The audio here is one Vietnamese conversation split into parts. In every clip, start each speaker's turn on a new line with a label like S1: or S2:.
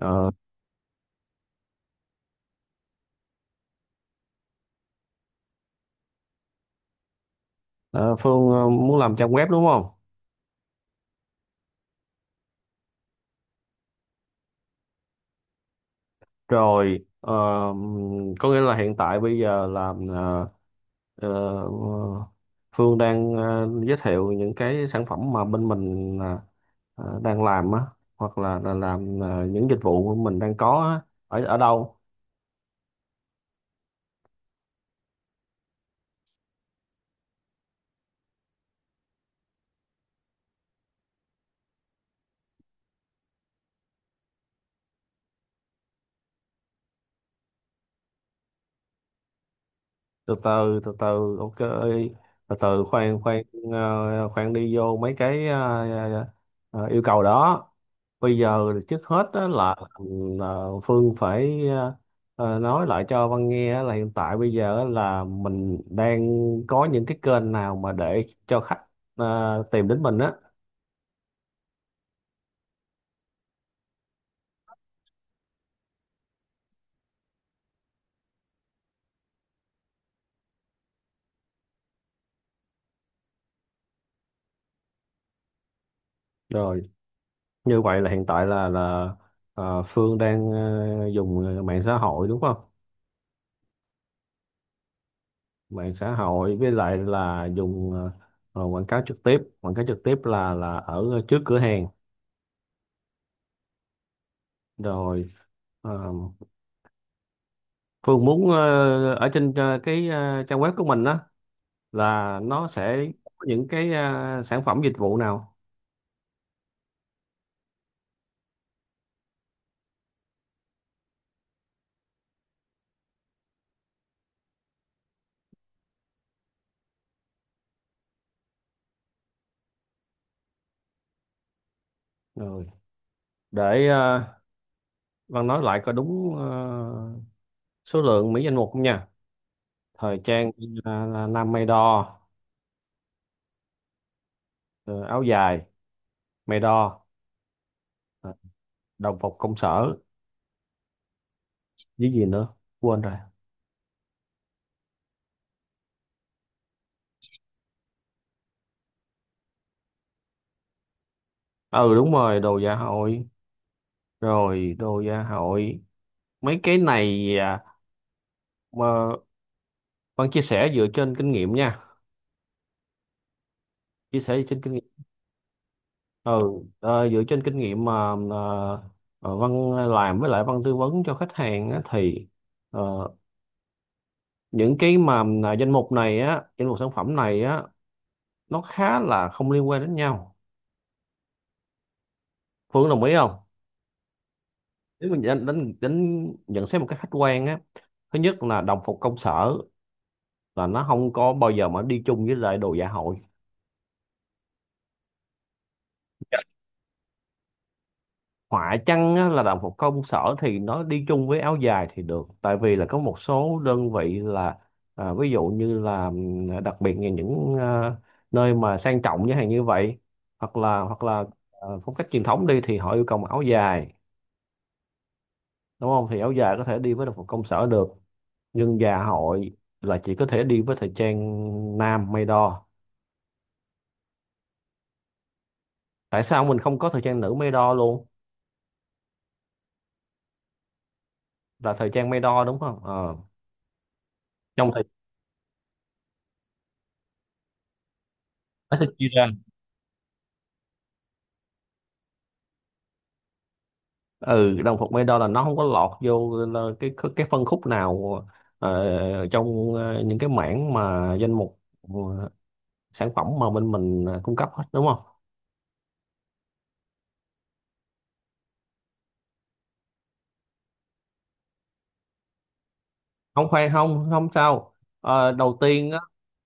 S1: Ờ, ờ, Phương muốn làm trang web đúng không? Rồi có nghĩa là hiện tại bây giờ làm ờ, Phương đang giới thiệu những cái sản phẩm mà bên mình đang làm á, hoặc là làm những dịch vụ mình đang có á, ở ở đâu? Từ từ, ok, từ từ, khoan khoan. Khoan đi vô mấy cái yêu cầu đó. Bây giờ trước hết á, là Phương phải nói lại cho Văn nghe á, là hiện tại bây giờ á là mình đang có những cái kênh nào mà để cho khách tìm đến mình á. Rồi như vậy là hiện tại là Phương đang dùng mạng xã hội đúng không? Mạng xã hội với lại là dùng quảng cáo trực tiếp, quảng cáo trực tiếp là ở trước cửa hàng. Rồi ờ, Phương muốn ở trên cái trang web của mình đó, là nó sẽ có những cái sản phẩm dịch vụ nào. Rồi để Văn nói lại có đúng số lượng mỹ danh mục không nha. Thời trang là nam may đo, ờ, áo dài may đo, ờ, đồng phục công sở, với gì nữa quên rồi. Ừ đúng rồi, đồ dạ hội, rồi đồ gia hội. Mấy cái này à, mà Văn chia sẻ dựa trên kinh nghiệm nha, chia sẻ dựa trên kinh nghiệm. Ừ, dựa trên kinh nghiệm mà Văn làm với lại Văn tư vấn cho khách hàng á, thì ờ, những cái mà là danh mục này á, danh mục sản phẩm này á, nó khá là không liên quan đến nhau. Phương đồng ý không? Nếu mình đánh nhận xét một cách khách quan á, thứ nhất là đồng phục công sở là nó không có bao giờ mà đi chung với lại đồ dạ hội. Họa chăng á, là đồng phục công sở thì nó đi chung với áo dài thì được, tại vì là có một số đơn vị là à, ví dụ như là đặc biệt là những à, nơi mà sang trọng như hàng như vậy, hoặc là à, phong cách truyền thống đi thì họ yêu cầu mặc áo dài, đúng không? Thì áo dài có thể đi với đồng phục công sở được, nhưng dạ hội là chỉ có thể đi với thời trang nam may đo. Tại sao mình không có thời trang nữ may đo luôn, là thời trang may đo đúng không? Ờ. Trong thời tiết chia ra. Ừ, đồng phục Medo là nó không có lọt vô là cái phân khúc nào ờ, trong những cái mảng mà danh mục sản phẩm mà bên mình cung cấp hết đúng không? Không khoan, không không sao. Ờ, đầu tiên á,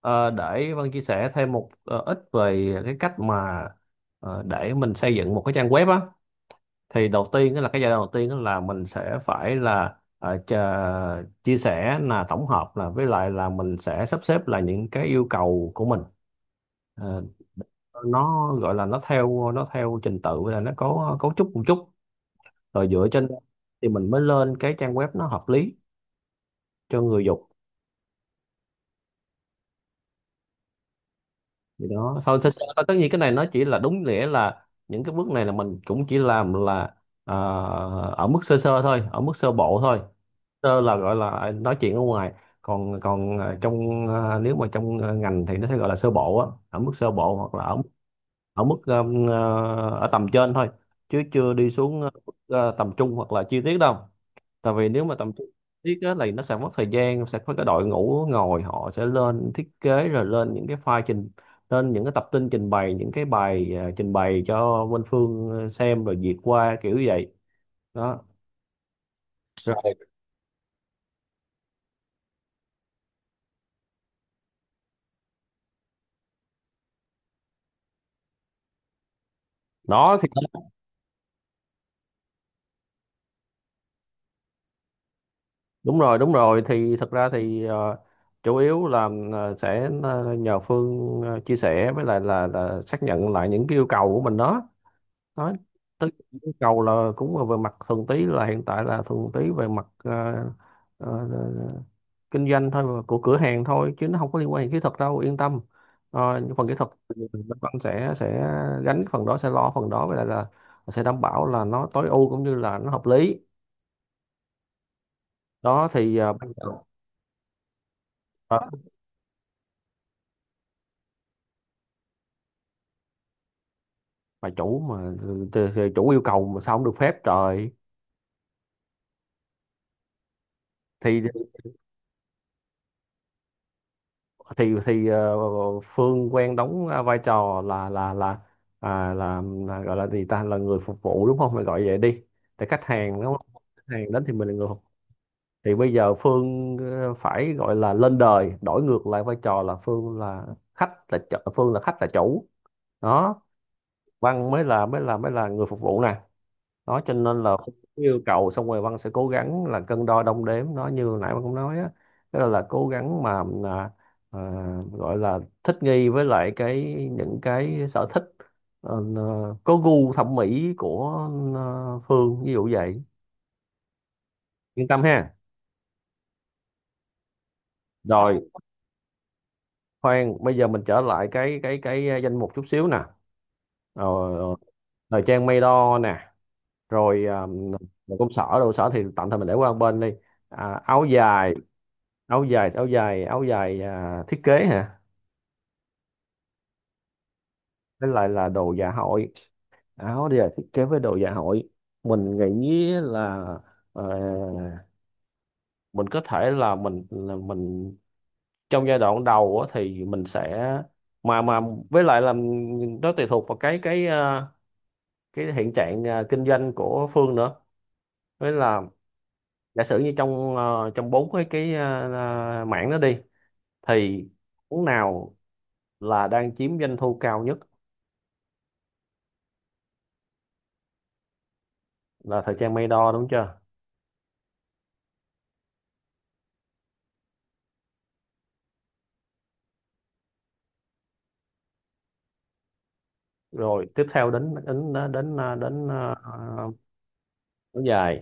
S1: để Vân chia sẻ thêm một ít về cái cách mà để mình xây dựng một cái trang web á, thì đầu tiên đó là cái giai đoạn đầu tiên đó là mình sẽ phải là chia sẻ là tổng hợp là với lại là mình sẽ sắp xếp là những cái yêu cầu của mình. Ờ, nó gọi là nó theo trình tự là nó có cấu trúc một chút, rồi dựa trên đó thì mình mới lên cái trang web nó hợp lý cho người dùng. Thì đó thôi, thật sự là tất nhiên cái này nó chỉ là đúng nghĩa là những cái bước này là mình cũng chỉ làm là à, ở mức sơ sơ thôi, ở mức sơ bộ thôi. Sơ là gọi là à, nói chuyện ở ngoài, còn còn à, trong à, nếu mà trong à, ngành thì nó sẽ gọi là sơ bộ á, ở mức sơ bộ, hoặc là ở ở mức à, ở tầm trên thôi, chứ chưa đi xuống à, mức, à, tầm trung hoặc là chi tiết đâu. Tại vì nếu mà tầm trung tiết á, là nó sẽ mất thời gian, sẽ có cái đội ngũ ngồi họ sẽ lên thiết kế rồi lên những cái file trình, lên những cái tập tin trình bày những cái bài à, trình bày cho bên Phương xem rồi duyệt qua kiểu vậy đó. Rồi đó thì đúng rồi đúng rồi, thì thật ra thì chủ yếu là sẽ nhờ Phương chia sẻ với lại là xác nhận lại những cái yêu cầu của mình đó. Nói tới yêu cầu là cũng là về mặt thuần túy, là hiện tại là thuần túy về mặt ờ, ờ, kinh doanh thôi và của cửa hàng thôi, chứ nó không có liên quan đến kỹ thuật đâu, yên tâm. Ờ, những phần kỹ thuật thì bên Văn sẽ gánh phần đó, sẽ lo phần đó, với lại là sẽ đảm bảo là nó tối ưu cũng như là nó hợp lý. Đó thì bà chủ mà ờ, thì chủ yêu cầu mà sao không được phép trời. Thì thì thì ờ, Phương quen đóng vai trò là à, là gọi là gì ta, là người phục vụ đúng không, mình gọi vậy đi, để khách hàng đúng không, khách hàng đến thì mình là người phục vụ. Thì bây giờ Phương phải gọi là lên đời, đổi ngược lại vai trò, là Phương là khách là chủ, Phương là khách là chủ đó. Văn mới là mới là người phục vụ nè. Đó cho nên là cũng yêu cầu xong rồi Văn sẽ cố gắng là cân đo đong đếm nó như nãy Văn cũng nói á. Tức là cố gắng mà à, gọi là thích nghi với lại cái những cái sở thích, có gu thẩm mỹ của Phương, ví dụ vậy. Yên tâm ha. Rồi khoan, bây giờ mình trở lại cái danh mục chút xíu nè. ờ, ờ, Thời trang may đo nè, rồi công sở đồ sở thì tạm thời mình để qua một bên đi. À, áo dài, áo dài, áo dài à, thiết kế hả, với lại là đồ dạ hội. Áo dài thiết kế với đồ dạ hội mình nghĩ là ờ, mình có thể là mình trong giai đoạn đầu á, thì mình sẽ mà với lại là nó tùy thuộc vào cái cái hiện trạng kinh doanh của Phương nữa, với là giả sử như trong trong bốn cái mảng đó đi, thì món nào là đang chiếm doanh thu cao nhất? Là thời trang may đo đúng chưa. Rồi tiếp theo đến đến đến đến đến, ờ, kéo dài,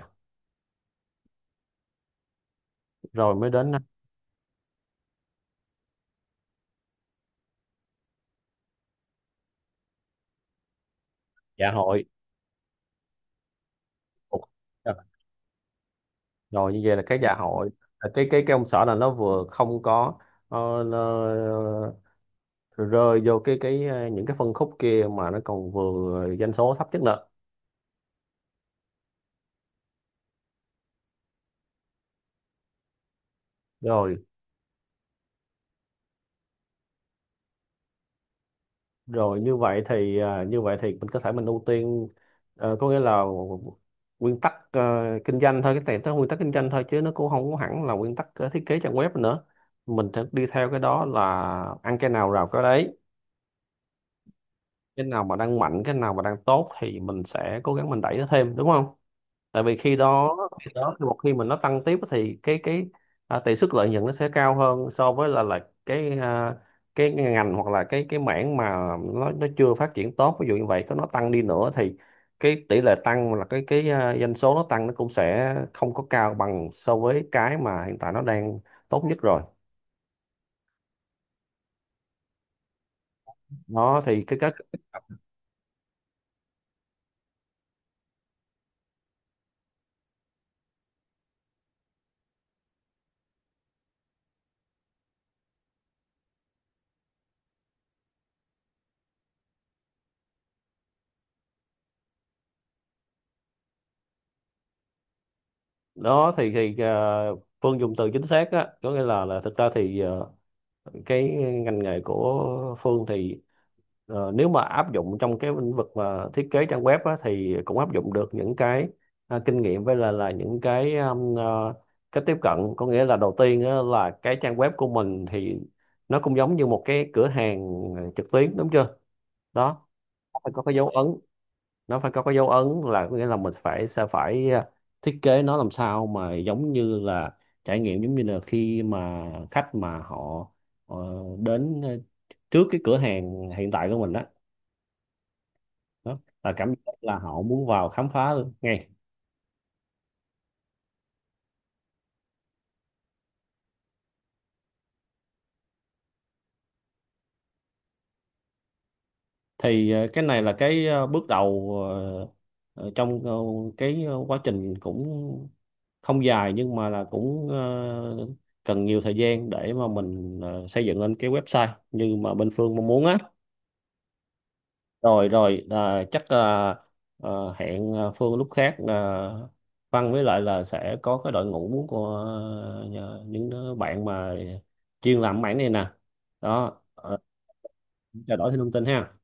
S1: rồi mới đến dạ hội. Ủa, rồi như vậy là cái dạ hội là cái ông xã là nó vừa không có ờ, nó rơi vô cái những cái phân khúc kia, mà nó còn vừa doanh số thấp nhất nữa. Rồi rồi như vậy thì à, như vậy thì mình có thể mình ưu tiên có nghĩa là nguyên tắc kinh doanh thôi, cái này tới nguyên tắc kinh doanh thôi, chứ nó cũng không có hẳn là nguyên tắc thiết kế trang web nữa. Mình sẽ đi theo cái đó là ăn cái nào rào cái đấy. Cái nào mà đang mạnh, cái nào mà đang tốt thì mình sẽ cố gắng mình đẩy nó thêm đúng không. Tại vì khi đó, khi đó thì một khi mà nó tăng tiếp thì cái à, tỷ suất lợi nhuận nó sẽ cao hơn so với là cái à, cái ngành hoặc là cái mảng mà nó chưa phát triển tốt, ví dụ như vậy, có nó tăng đi nữa thì cái tỷ lệ tăng là cái à, doanh số nó tăng nó cũng sẽ không có cao bằng so với cái mà hiện tại nó đang tốt nhất rồi. Đó thì cái cách, đó thì à, Phương dùng từ chính xác á, có nghĩa là thực ra thì à, cái ngành nghề của Phương thì nếu mà áp dụng trong cái lĩnh vực mà thiết kế trang web á, thì cũng áp dụng được những cái à, kinh nghiệm với là những cái cách tiếp cận. Có nghĩa là đầu tiên á, là cái trang web của mình thì nó cũng giống như một cái cửa hàng trực tuyến đúng chưa. Đó, nó phải có cái dấu ấn, nó phải có cái dấu ấn, là có nghĩa là mình phải sẽ phải thiết kế nó làm sao mà giống như là trải nghiệm giống như là khi mà khách mà họ ờ, đến trước cái cửa hàng hiện tại của mình đó, đó là cảm giác là họ muốn vào khám phá luôn ngay. Thì cái này là cái bước đầu trong cái quá trình, cũng không dài nhưng mà là cũng cần nhiều thời gian để mà mình xây dựng lên cái website như mà bên Phương mong muốn á. Rồi rồi à, chắc à, hẹn à, Phương lúc khác, à, Văn với lại là sẽ có cái đội ngũ của à, những đứa bạn mà chuyên làm mảng này nè. Đó trao đổi thêm thông tin ha.